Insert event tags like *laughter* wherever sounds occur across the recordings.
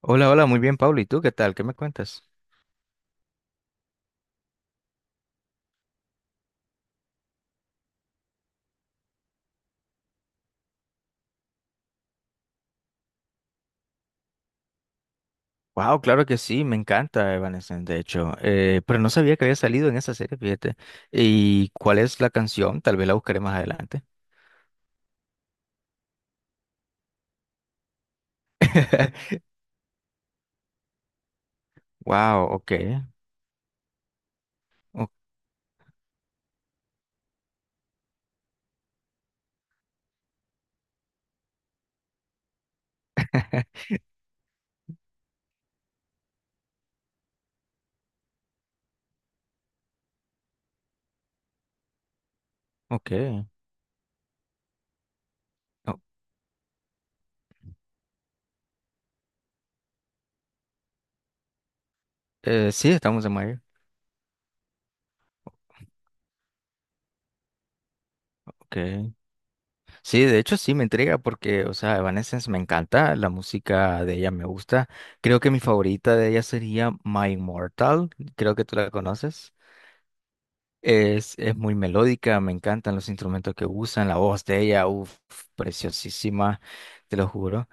Hola, hola, muy bien, Pablo. ¿Y tú qué tal? ¿Qué me cuentas? Wow, claro que sí, me encanta Evanescence, de hecho. Pero no sabía que había salido en esa serie, fíjate. ¿Y cuál es la canción? Tal vez la buscaré más adelante. *laughs* Wow, ok. o- *laughs* Ok. o- sí, estamos en mayo. Ok. Sí, de hecho sí me intriga porque, o sea, Evanescence me encanta, la música de ella me gusta. Creo que mi favorita de ella sería My Immortal. Creo que tú la conoces. Es muy melódica, me encantan los instrumentos que usan, la voz de ella, uff, preciosísima, te lo juro.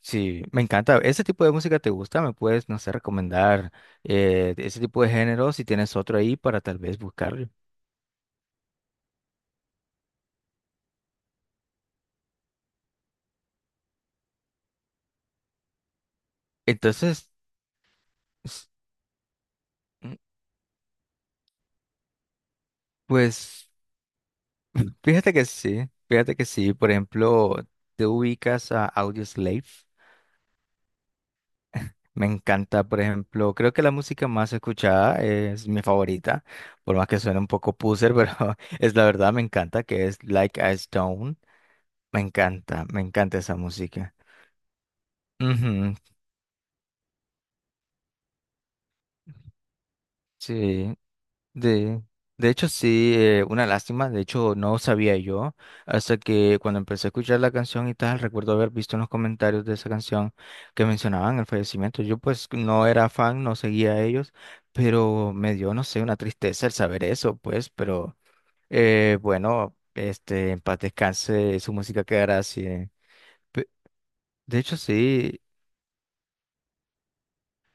Sí, me encanta. ¿Ese tipo de música te gusta? ¿Me puedes, no sé, recomendar ese tipo de género si tienes otro ahí para tal vez buscarlo? Entonces, s- mm, pues, fíjate que sí. Por ejemplo, ¿te ubicas a Audioslave? Me encanta, por ejemplo, creo que la música más escuchada es mi favorita, por más que suene un poco poser, pero *laughs* es la verdad, me encanta, que es Like a Stone. Me encanta esa música. Ujú, sí. De, de hecho, sí, una lástima. De hecho, no sabía yo hasta que cuando empecé a escuchar la canción y tal, recuerdo haber visto en los comentarios de esa canción que mencionaban el fallecimiento. Yo pues no era fan, no seguía a ellos, pero me dio, no sé, una tristeza el saber eso, pues, pero bueno, este, en paz descanse, su música quedará así. Pe- De hecho, sí.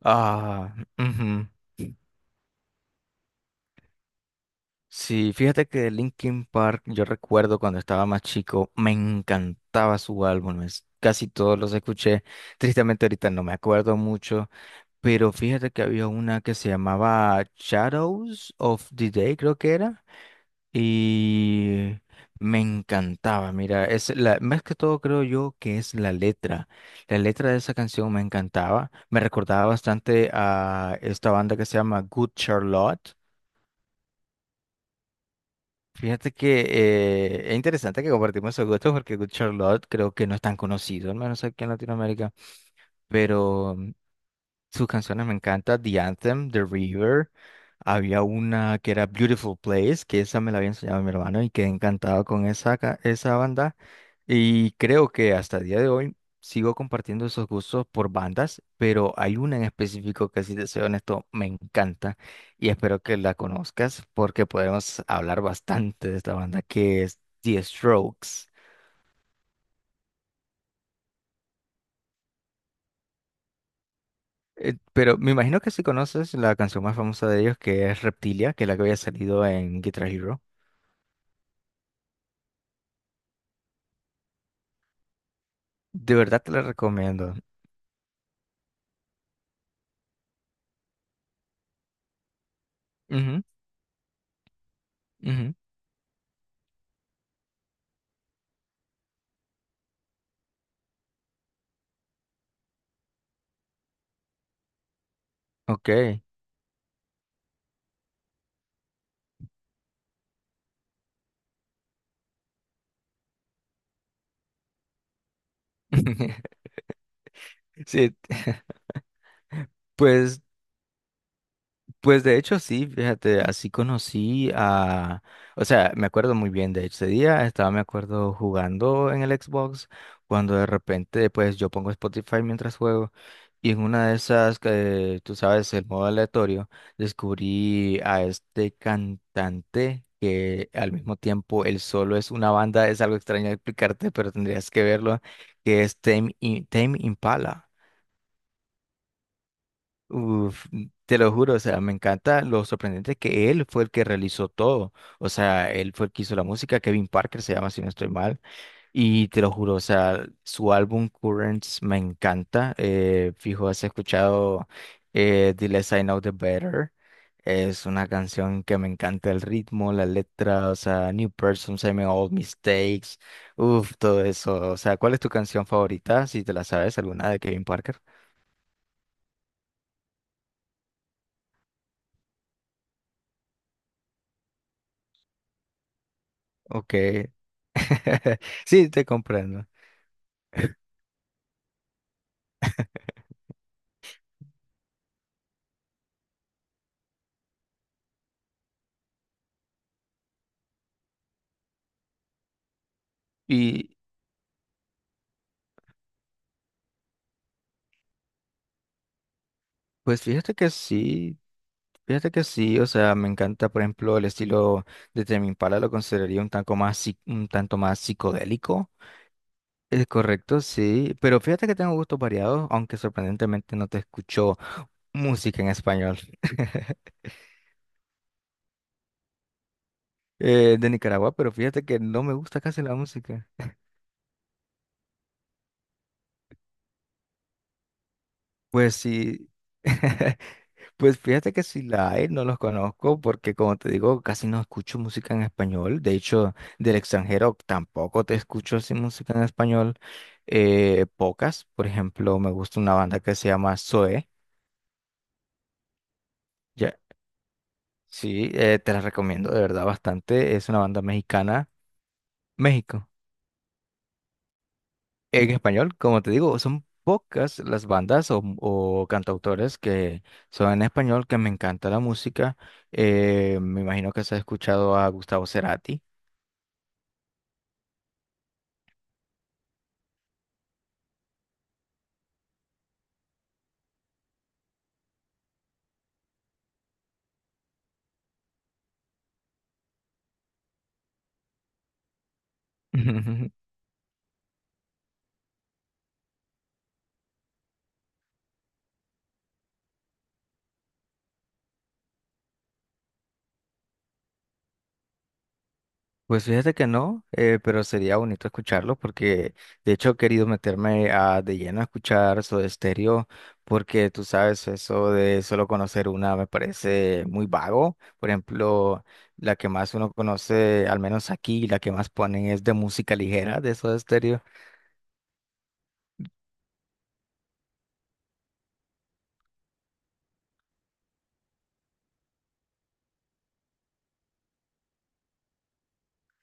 Ah, ujú. Sí, fíjate que de Linkin Park, yo recuerdo cuando estaba más chico, me encantaba su álbum, casi todos los escuché. Tristemente ahorita no me acuerdo mucho, pero fíjate que había una que se llamaba Shadows of the Day, creo que era, y me encantaba. Mira, es la, más que todo creo yo que es la letra. La letra de esa canción me encantaba, me recordaba bastante a esta banda que se llama Good Charlotte. Fíjate que es interesante que compartimos esos gustos porque Good Charlotte creo que no es tan conocido, al menos aquí en Latinoamérica, pero sus canciones me encantan, The Anthem, The River, había una que era Beautiful Place, que esa me la había enseñado mi hermano y quedé encantado con esa banda. Y creo que hasta el día de hoy sigo compartiendo esos gustos por bandas, pero hay una en específico que, si te soy honesto, me encanta y espero que la conozcas porque podemos hablar bastante de esta banda que es The Strokes. Pero me imagino que si conoces la canción más famosa de ellos que es Reptilia, que es la que había salido en Guitar Hero. De verdad te la recomiendo. Ujú, ujú. Ok. *laughs* Sí, *laughs* pues. Pues de hecho sí, fíjate, así conocí a, o sea, me acuerdo muy bien de ese día, estaba, me acuerdo, jugando en el Xbox, cuando de repente, pues yo pongo Spotify mientras juego, y en una de esas, que tú sabes, el modo aleatorio, descubrí a este cantante que al mismo tiempo él solo es una banda, es algo extraño de explicarte, pero tendrías que verlo, que es Tame Impala. Uf, te lo juro, o sea, me encanta lo sorprendente que él fue el que realizó todo. O sea, él fue el que hizo la música, Kevin Parker se llama, si no estoy mal. Y te lo juro, o sea, su álbum Currents me encanta. Fijo, has escuchado The Less I Know The Better. Es una canción que me encanta el ritmo, la letra, o sea, New Person, Same Old Mistakes. Uf, todo eso. O sea, ¿cuál es tu canción favorita? Si te la sabes, alguna de Kevin Parker. Ok. *laughs* Sí, te comprendo. Y pues fíjate que sí, o sea, me encanta, por ejemplo, el estilo de Tame Impala, lo consideraría un tanto un tanto más psicodélico. Es correcto, sí, pero fíjate que tengo gustos variados, aunque sorprendentemente no te escucho música en español. *laughs* De Nicaragua, pero fíjate que no me gusta casi la música. Pues sí. *laughs* Pues fíjate que si la hay, no los conozco porque como te digo, casi no escucho música en español. De hecho, del extranjero tampoco te escucho así música en español. Pocas, por ejemplo, me gusta una banda que se llama Zoe. Ya, sí, te la recomiendo de verdad bastante. Es una banda mexicana. México. En español, como te digo, son pocas las bandas o cantautores que son en español, que me encanta la música. Me imagino que has escuchado a Gustavo Cerati. *laughs* Pues fíjate que no, pero sería bonito escucharlo porque de hecho he querido meterme a, de lleno a escuchar Soda Stereo porque tú sabes, eso de solo conocer una me parece muy vago. Por ejemplo, la que más uno conoce, al menos aquí, la que más ponen es de música ligera de Soda Stereo.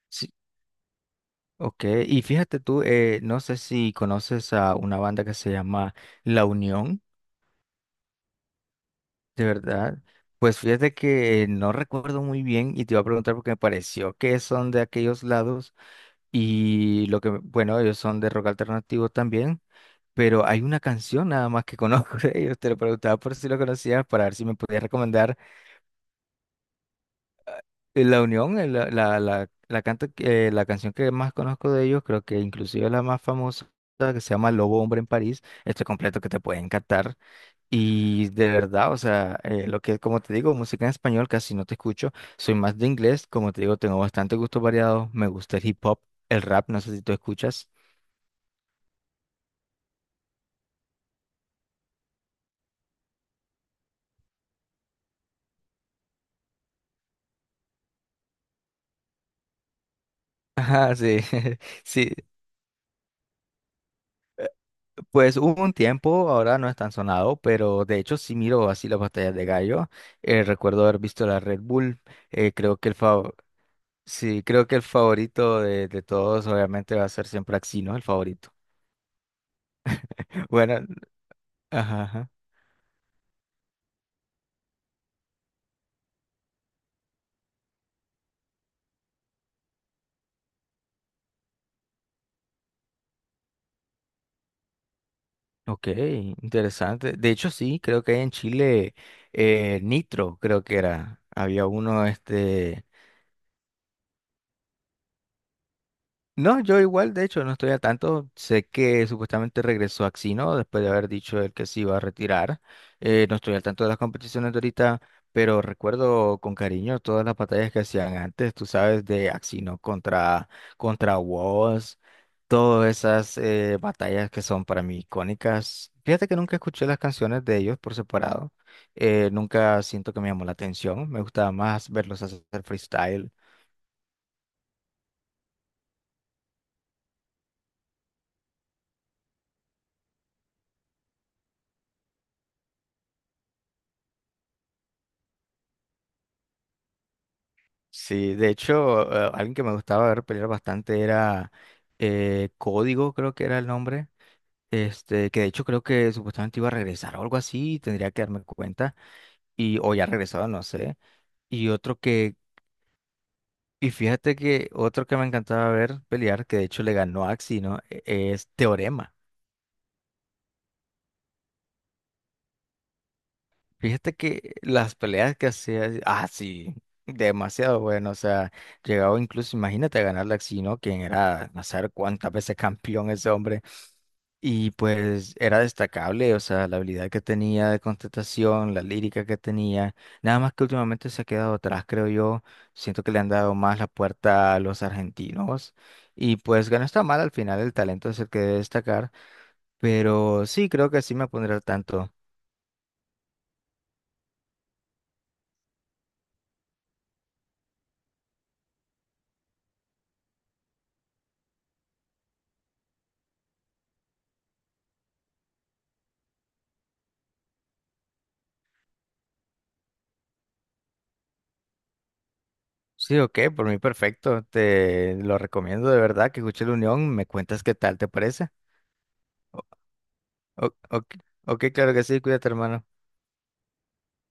Sí. Ok, y fíjate tú, no sé si conoces a una banda que se llama La Unión. De verdad, pues fíjate que no recuerdo muy bien y te iba a preguntar porque me pareció que son de aquellos lados y lo que, bueno, ellos son de rock alternativo también, pero hay una canción nada más que *laughs* conozco de ellos, te lo preguntaba por si lo conocías para ver si me podías recomendar La Unión, la canción que más conozco de ellos, creo que inclusive la más famosa que se llama Lobo Hombre en París, este completo que te puede encantar. Y de verdad, o sea, lo que, como te digo, música en español casi no te escucho. Soy más de inglés, como te digo, tengo bastante gusto variado. Me gusta el hip hop, el rap, no sé si tú escuchas. Ajá, sí, *laughs* sí. Pues hubo un tiempo, ahora no es tan sonado, pero de hecho sí miro así las batallas de gallo. Recuerdo haber visto la Red Bull. Creo que el fav- Sí, creo que el favorito de todos, obviamente, va a ser siempre Axino, el favorito. *laughs* Bueno, ajá. Ok, interesante. De hecho, sí, creo que hay en Chile Nitro, creo que era. Había uno, este. No, yo igual, de hecho, no estoy al tanto. Sé que supuestamente regresó Axino después de haber dicho él que se iba a retirar. No estoy al tanto de las competiciones de ahorita, pero recuerdo con cariño todas las batallas que hacían antes, tú sabes, de Axino contra, contra Woz, todas esas batallas que son para mí icónicas. Fíjate que nunca escuché las canciones de ellos por separado. Nunca siento que me llamó la atención. Me gustaba más verlos hacer freestyle. Sí, de hecho, alguien que me gustaba ver pelear bastante era Código, creo que era el nombre. Este, que de hecho creo que supuestamente iba a regresar o algo así, tendría que darme cuenta. Y, o ya regresado, no sé. Y otro que, y fíjate que otro que me encantaba ver pelear, que de hecho le ganó a Axie, ¿no? Es Teorema. Fíjate que las peleas que hacía, ah, sí, demasiado bueno. O sea, llegaba incluso, imagínate a ganarle a Axie, ¿no? Quien era, no saber cuántas veces campeón ese hombre. Y pues era destacable, o sea, la habilidad que tenía de contestación, la lírica que tenía, nada más que últimamente se ha quedado atrás, creo yo. Siento que le han dado más la puerta a los argentinos. Y pues ganó está mal al final, el talento es el que debe destacar, pero sí, creo que sí me pondré al tanto. Sí, ok, por mí perfecto, te lo recomiendo de verdad que escuche La Unión, me cuentas qué tal, ¿te parece? O- ok, ok, claro que sí, cuídate, hermano.